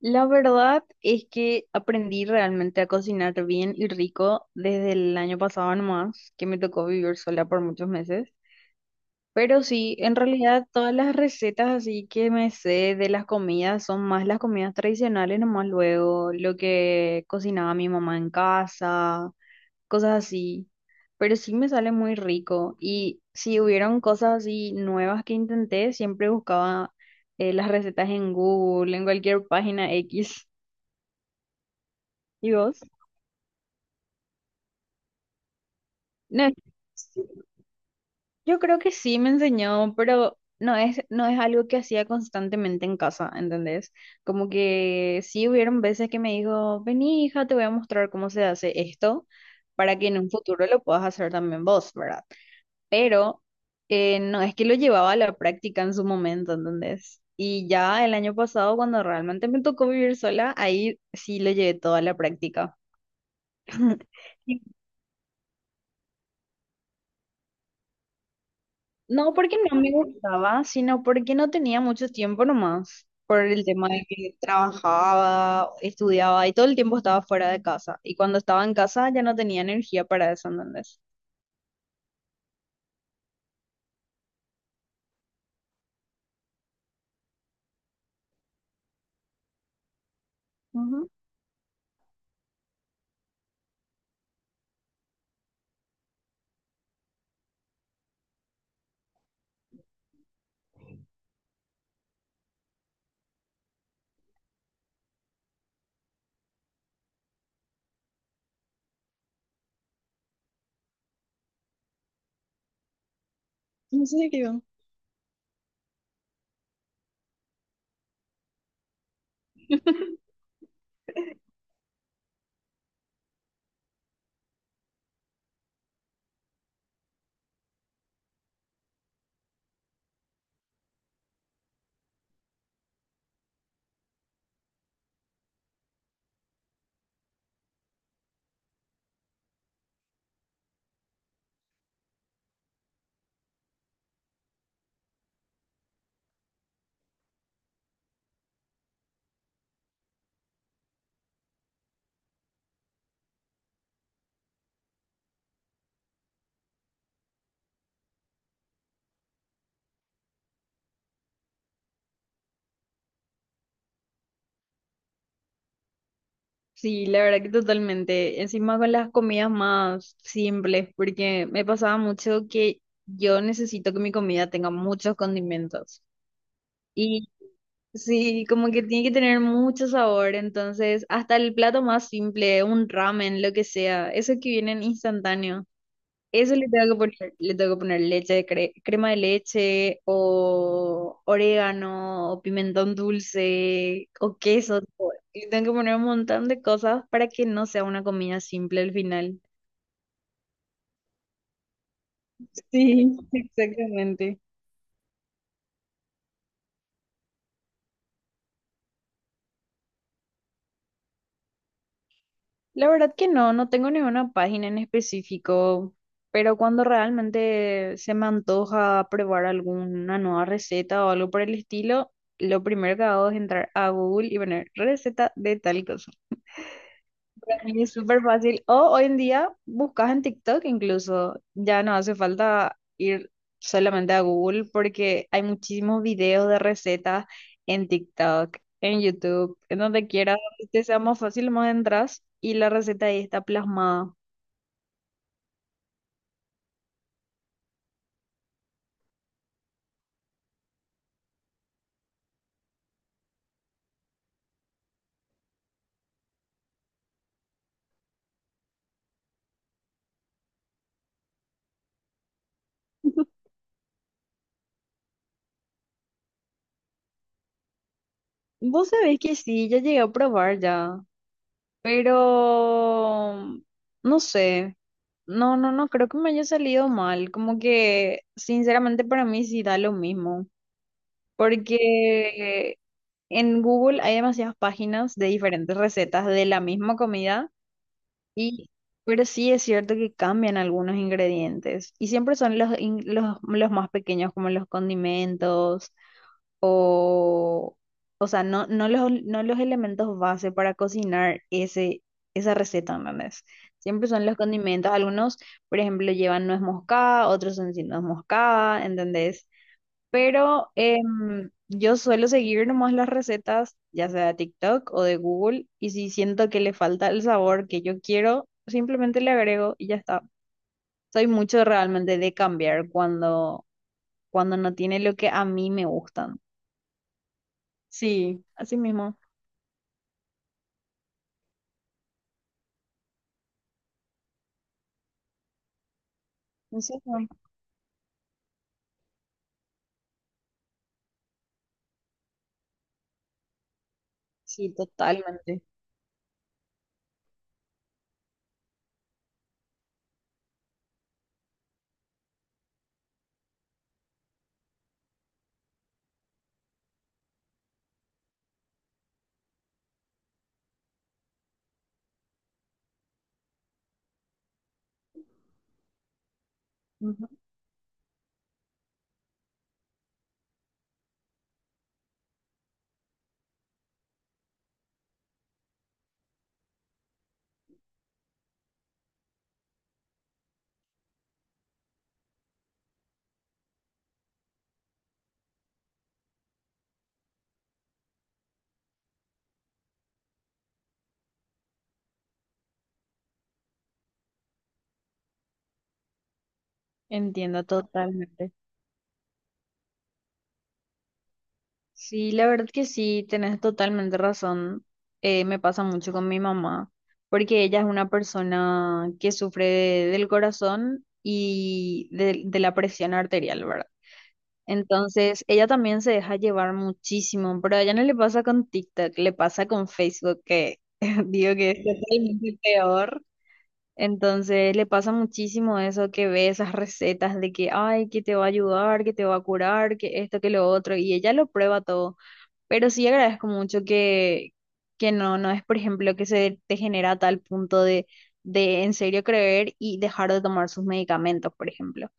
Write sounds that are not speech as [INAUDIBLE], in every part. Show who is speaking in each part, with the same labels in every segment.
Speaker 1: La verdad es que aprendí realmente a cocinar bien y rico desde el año pasado nomás, que me tocó vivir sola por muchos meses. Pero sí, en realidad todas las recetas así que me sé de las comidas son más las comidas tradicionales nomás luego, lo que cocinaba mi mamá en casa, cosas así. Pero sí me sale muy rico y si hubieron cosas así nuevas que intenté, siempre buscaba las recetas en Google, en cualquier página X. ¿Y vos? No, sí, yo creo que sí me enseñó, pero no es algo que hacía constantemente en casa, ¿entendés? Como que sí hubieron veces que me dijo, vení hija, te voy a mostrar cómo se hace esto para que en un futuro lo puedas hacer también vos, ¿verdad? Pero no es que lo llevaba a la práctica en su momento, ¿entendés? Y ya el año pasado, cuando realmente me tocó vivir sola, ahí sí lo llevé toda a la práctica. [LAUGHS] No porque no me gustaba, sino porque no tenía mucho tiempo nomás, por el tema de que trabajaba, estudiaba y todo el tiempo estaba fuera de casa. Y cuando estaba en casa ya no tenía energía para eso, ¿entendés? Ujú. No sé qué va. [LAUGHS] Sí, la verdad que totalmente. Encima con las comidas más simples, porque me pasaba mucho que yo necesito que mi comida tenga muchos condimentos. Sí, como que tiene que tener mucho sabor, entonces hasta el plato más simple, un ramen, lo que sea, eso que viene en instantáneo, eso le tengo que poner, le tengo que poner leche, cre- crema de leche o orégano o pimentón dulce o queso, tipo, le tengo que poner un montón de cosas para que no sea una comida simple al final. Sí, [LAUGHS] exactamente. La verdad que no, no tengo ninguna página en específico, pero cuando realmente se me antoja probar alguna nueva receta o algo por el estilo, lo primero que hago es entrar a Google y poner receta de tal cosa. Para mí es súper fácil. O hoy en día buscas en TikTok incluso. Ya no hace falta ir solamente a Google porque hay muchísimos videos de recetas en TikTok, en YouTube, en donde quieras, donde te sea más fácil, más entras y la receta ahí está plasmada. Vos sabés que sí, ya llegué a probar ya, pero no sé. No, no, no, creo que me haya salido mal. Como que, sinceramente, para mí sí da lo mismo. Porque en Google hay demasiadas páginas de diferentes recetas de la misma comida y pero sí es cierto que cambian algunos ingredientes y siempre son los más pequeños como los condimentos o o sea, no los elementos base para cocinar ese esa receta, ¿entendés? Siempre son los condimentos, algunos, por ejemplo, llevan nuez moscada, otros son sin nuez moscada, ¿entendés? Pero yo suelo seguir nomás las recetas, ya sea de TikTok o de Google, y si siento que le falta el sabor que yo quiero, simplemente le agrego y ya está. Soy mucho realmente de cambiar cuando no tiene lo que a mí me gustan. Sí, así mismo. ¿En serio? Sí, totalmente. Ujú. Entiendo totalmente. Sí, la verdad que sí, tenés totalmente razón. Me pasa mucho con mi mamá, porque ella es una persona que sufre de- del corazón y de la presión arterial, ¿verdad? Entonces, ella también se deja llevar muchísimo, pero a ella no le pasa con TikTok, le pasa con Facebook, que [LAUGHS] digo que es totalmente peor. Entonces, le pasa muchísimo eso que ve esas recetas de que, ay, que te va a ayudar, que te va a curar, que esto, que lo otro, y ella lo prueba todo. Pero sí agradezco mucho que no, no es, por ejemplo, que se te genera a tal punto de en serio creer y dejar de tomar sus medicamentos, por ejemplo.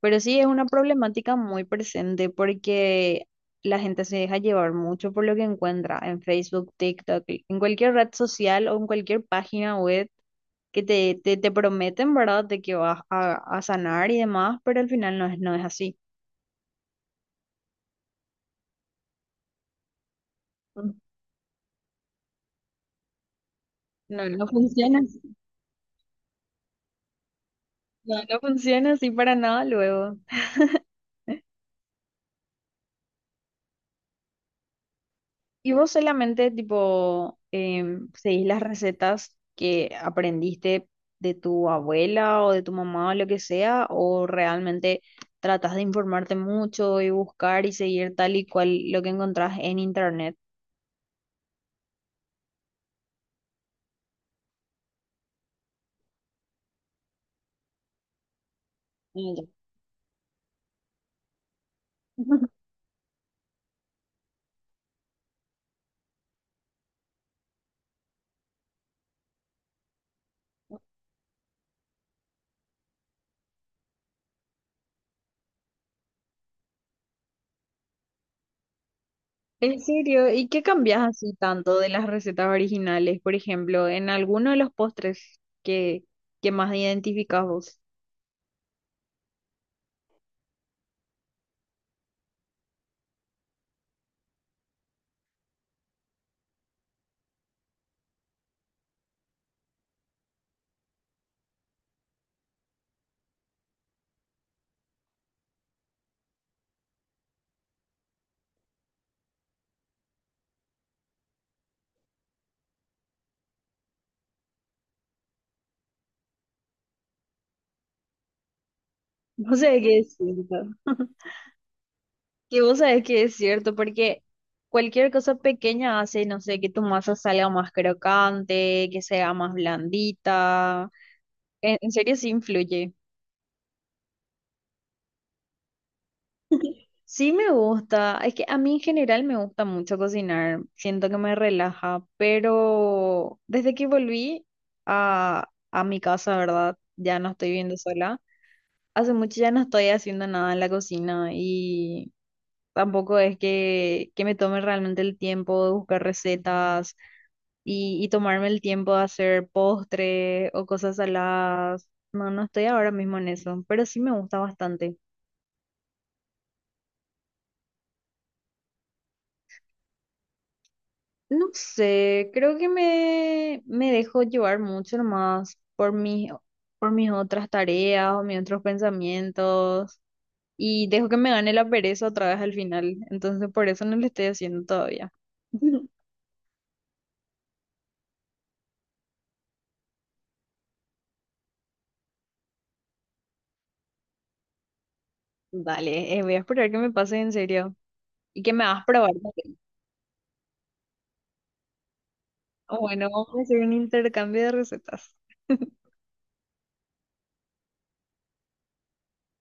Speaker 1: Pero sí es una problemática muy presente porque la gente se deja llevar mucho por lo que encuentra en Facebook, TikTok, en cualquier red social o en cualquier página web que te prometen, ¿verdad?, de que vas a sanar y demás, pero al final no es así. No, no funciona, no, no funciona así para nada luego. ¿Y vos solamente tipo seguís las recetas que aprendiste de tu abuela o de tu mamá o lo que sea? ¿O realmente tratás de informarte mucho y buscar y seguir tal y cual lo que encontrás en internet? Y ya. [LAUGHS] ¿En serio? ¿Y qué cambias así tanto de las recetas originales? Por ejemplo, en alguno de los postres que más identificás vos. [LAUGHS] No sé qué decir. Que vos sabés que es cierto, porque cualquier cosa pequeña hace, no sé, que tu masa salga más crocante, que sea más blandita. En serio, sí influye. Sí me gusta, es que a mí en general me gusta mucho cocinar, siento que me relaja, pero desde que volví a mi casa, ¿verdad? Ya no estoy viviendo sola. Hace mucho ya no estoy haciendo nada en la cocina y tampoco es que me tome realmente el tiempo de buscar recetas y tomarme el tiempo de hacer postre o cosas saladas. No, no estoy ahora mismo en eso, pero sí me gusta bastante. No sé, creo que me dejo llevar mucho más por por mis otras tareas o mis otros pensamientos y dejo que me gane la pereza otra vez al final. Entonces por eso no lo estoy haciendo todavía. [LAUGHS] Dale, voy a esperar que me pase en serio y que me hagas probar también. Bueno, vamos a hacer un intercambio de recetas. [LAUGHS]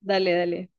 Speaker 1: Dale, dale.